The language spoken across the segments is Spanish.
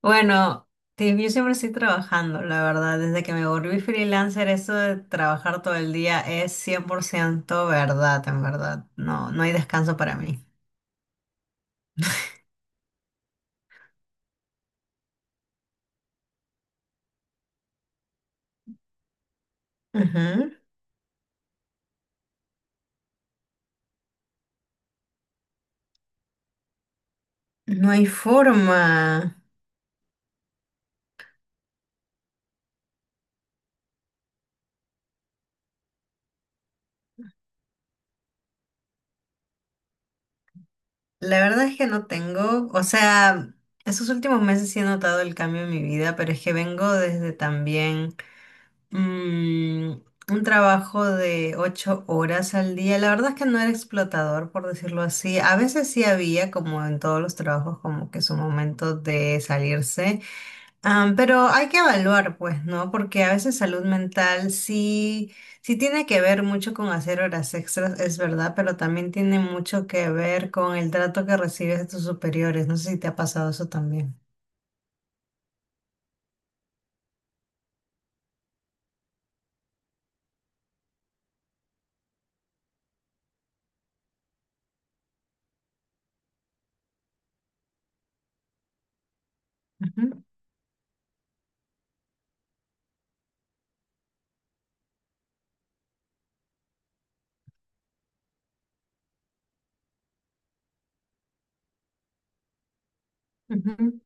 Bueno, yo siempre estoy trabajando, la verdad. Desde que me volví freelancer, eso de trabajar todo el día es 100% verdad, en verdad. No, no hay descanso para mí. Ujú. No hay forma. La verdad es que no tengo, o sea, estos últimos meses sí he notado el cambio en mi vida, pero es que vengo desde también Mm, un trabajo de 8 horas al día. La verdad es que no era explotador, por decirlo así. A veces sí había, como en todos los trabajos, como que su momento de salirse. Pero hay que evaluar, pues, ¿no? Porque a veces salud mental sí, sí tiene que ver mucho con hacer horas extras, es verdad, pero también tiene mucho que ver con el trato que recibes de tus superiores. No sé si te ha pasado eso también. Ujú, ujú,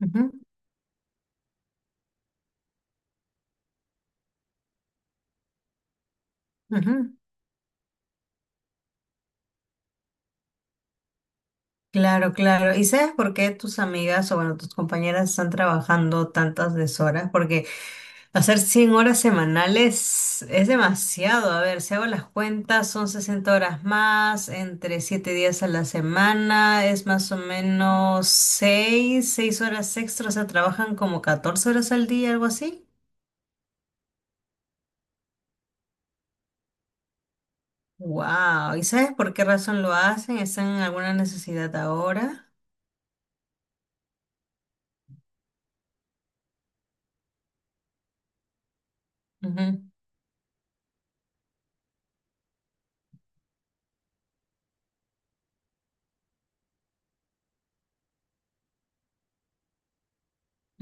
ujú, ujú. Claro, claro. ¿Y sabes por qué tus amigas o, bueno, tus compañeras están trabajando tantas deshoras? Porque hacer 100 horas semanales es demasiado. A ver, si hago las cuentas, son 60 horas más, entre 7 días a la semana, es más o menos seis horas extras, o sea, trabajan como 14 horas al día, algo así. Wow. ¿Y sabes por qué razón lo hacen? ¿Están en alguna necesidad ahora? Ujú,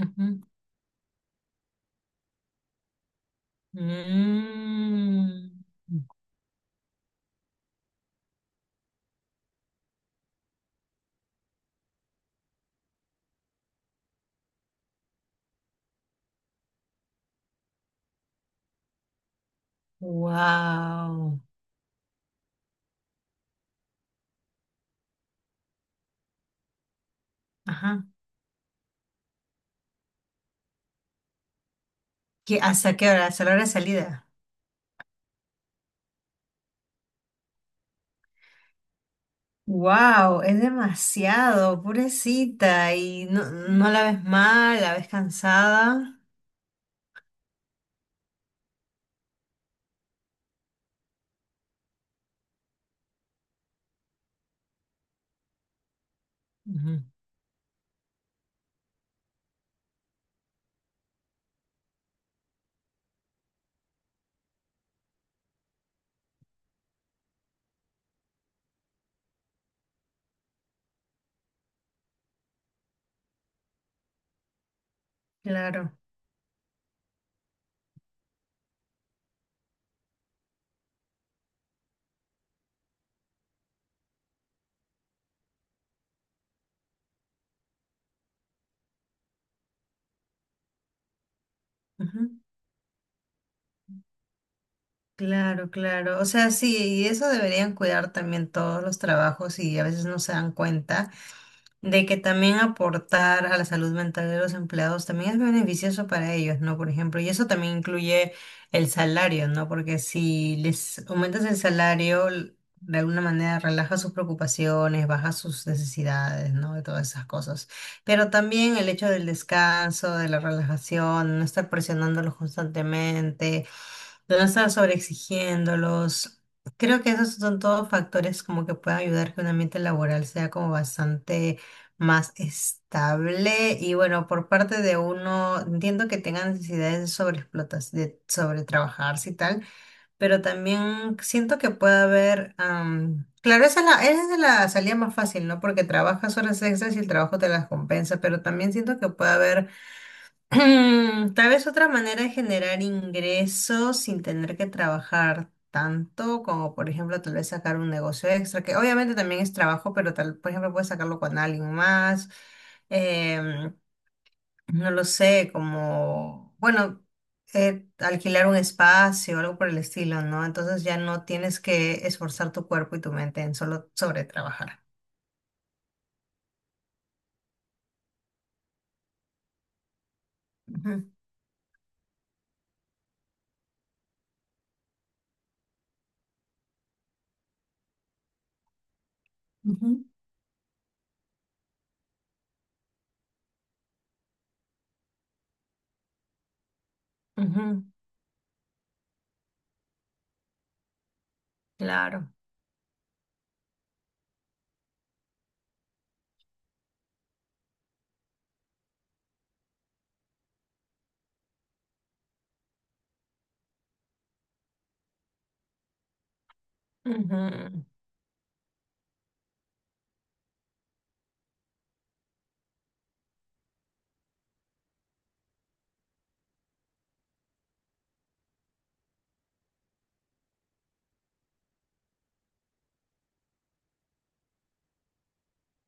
ujú. Mm. Wow. Ajá. ¿Qué, hasta qué hora? ¿Hasta la hora de salida? Wow, es demasiado, pobrecita. Y no, no la ves mal, la ves cansada. Ujú. Claro, ujú. Claro, claro. O sea, sí, y eso deberían cuidar también todos los trabajos y a veces no se dan cuenta de que también aportar a la salud mental de los empleados también es beneficioso para ellos, ¿no? Por ejemplo, y eso también incluye el salario, ¿no? Porque si les aumentas el salario, de alguna manera relaja sus preocupaciones, baja sus necesidades, ¿no? De todas esas cosas. Pero también el hecho del descanso, de la relajación, no estar presionándolos constantemente, de no estar sobreexigiéndolos. Creo que esos son todos factores como que pueden ayudar que un ambiente laboral sea como bastante más estable y, bueno, por parte de uno, entiendo que tenga necesidades de sobreexplotación, de sobretrabajarse y tal, pero también siento que puede haber, am, claro, esa es la salida más fácil, ¿no? Porque trabajas horas extras y el trabajo te las compensa, pero también siento que puede haber tal vez otra manera de generar ingresos sin tener que trabajar tanto, como por ejemplo tal vez sacar un negocio extra, que obviamente también es trabajo, pero tal, por ejemplo puedes sacarlo con alguien más, em, no lo sé, como, bueno, alquilar un espacio, algo por el estilo, ¿no? Entonces ya no tienes que esforzar tu cuerpo y tu mente en solo sobre trabajar. Ujú. Ujú. Ujú, claro, ujú,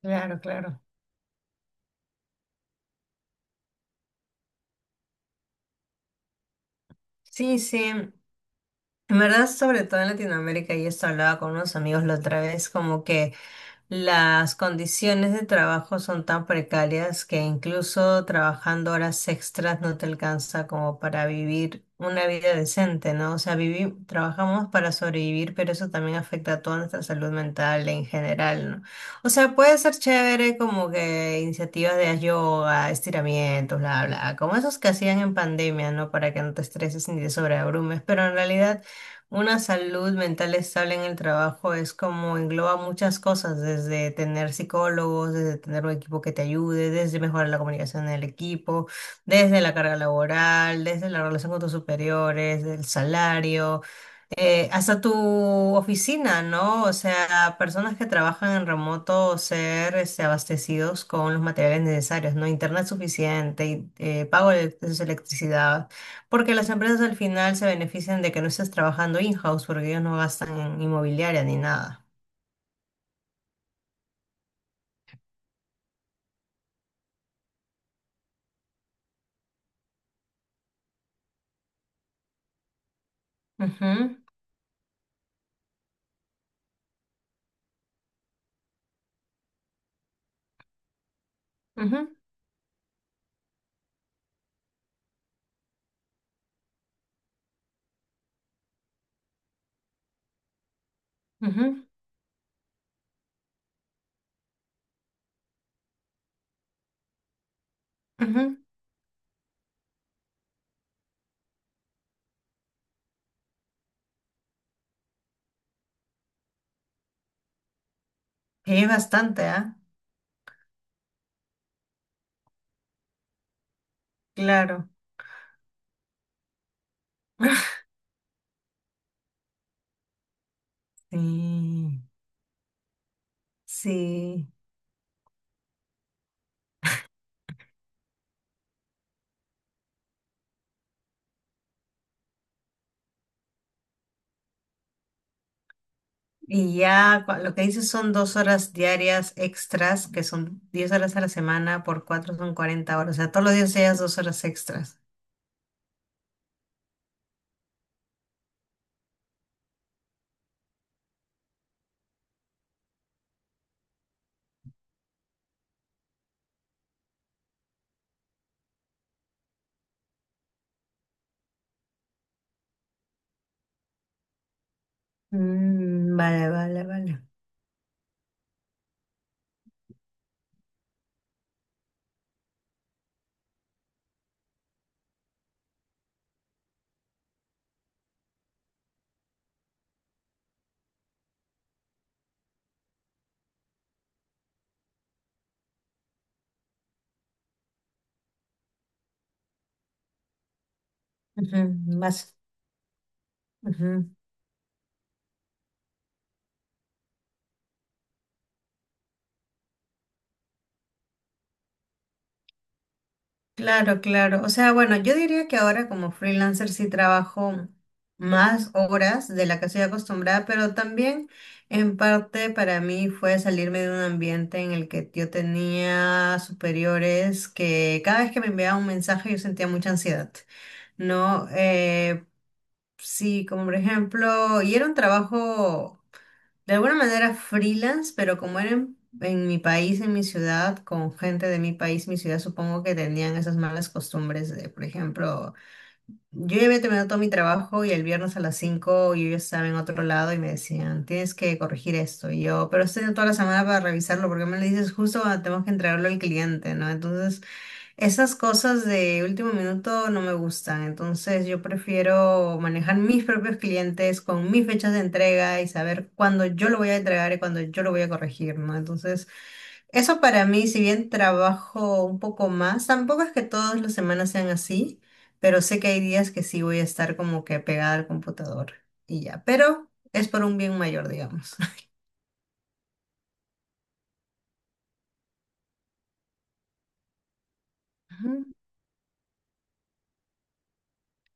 claro, claro. Sí, sí. En verdad, sobre todo en Latinoamérica, y esto hablaba con unos amigos la otra vez, como que las condiciones de trabajo son tan precarias que incluso trabajando horas extras no te alcanza como para vivir una vida decente, ¿no? O sea, trabajamos para sobrevivir, pero eso también afecta a toda nuestra salud mental en general, ¿no? O sea, puede ser chévere como que iniciativas de yoga, estiramientos, bla, bla, como esos que hacían en pandemia, ¿no? Para que no te estreses ni te sobreabrumes, pero en realidad… Una salud mental estable en el trabajo es como engloba muchas cosas, desde tener psicólogos, desde tener un equipo que te ayude, desde mejorar la comunicación en el equipo, desde la carga laboral, desde la relación con tus superiores, el salario, hasta tu oficina, ¿no? O sea, personas que trabajan en remoto ser este, abastecidos con los materiales necesarios, ¿no? Internet suficiente, pago de su electricidad. Porque las empresas al final se benefician de que no estés trabajando in-house porque ellos no gastan en inmobiliaria ni nada. Ujú, ujú, ujú, ujú. Y es bastante, ¿ah? Claro. Sí, sí. Y ya lo que dices son 2 horas diarias extras, que son 10 horas a la semana, por cuatro son 40 horas. O sea, todos los días ellas 2 horas extras. Mm, vale, vale, vale. Ujú, más, ujú. Claro, claro. O sea, bueno, yo diría que ahora como freelancer sí trabajo más horas de la que soy acostumbrada, pero también en parte para mí fue salirme de un ambiente en el que yo tenía superiores que cada vez que me enviaban un mensaje yo sentía mucha ansiedad, ¿no? Sí, como por ejemplo, y era un trabajo… De alguna manera freelance, pero como era en, mi país, en mi ciudad, con gente de mi país, mi ciudad, supongo que tenían esas malas costumbres de, por ejemplo, yo ya había terminado todo mi trabajo y el viernes a las 5 yo ya estaba en otro lado y me decían, tienes que corregir esto. Y yo, pero estoy toda la semana para revisarlo, porque me lo dices justo cuando tenemos que entregarlo al cliente, ¿no? Entonces, esas cosas de último minuto no me gustan, entonces yo prefiero manejar mis propios clientes con mis fechas de entrega y saber cuándo yo lo voy a entregar y cuándo yo lo voy a corregir, ¿no? Entonces, eso para mí, si bien trabajo un poco más, tampoco es que todas las semanas sean así, pero sé que hay días que sí voy a estar como que pegada al computador y ya, pero es por un bien mayor, digamos.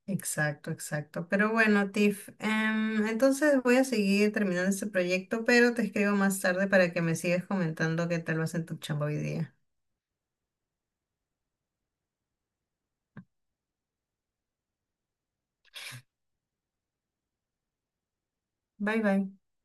Exacto, exacto. Pero bueno, Tiff, entonces voy a seguir terminando este proyecto, pero te escribo más tarde para que me sigas comentando qué tal vas en tu chamba hoy día. Bye bye.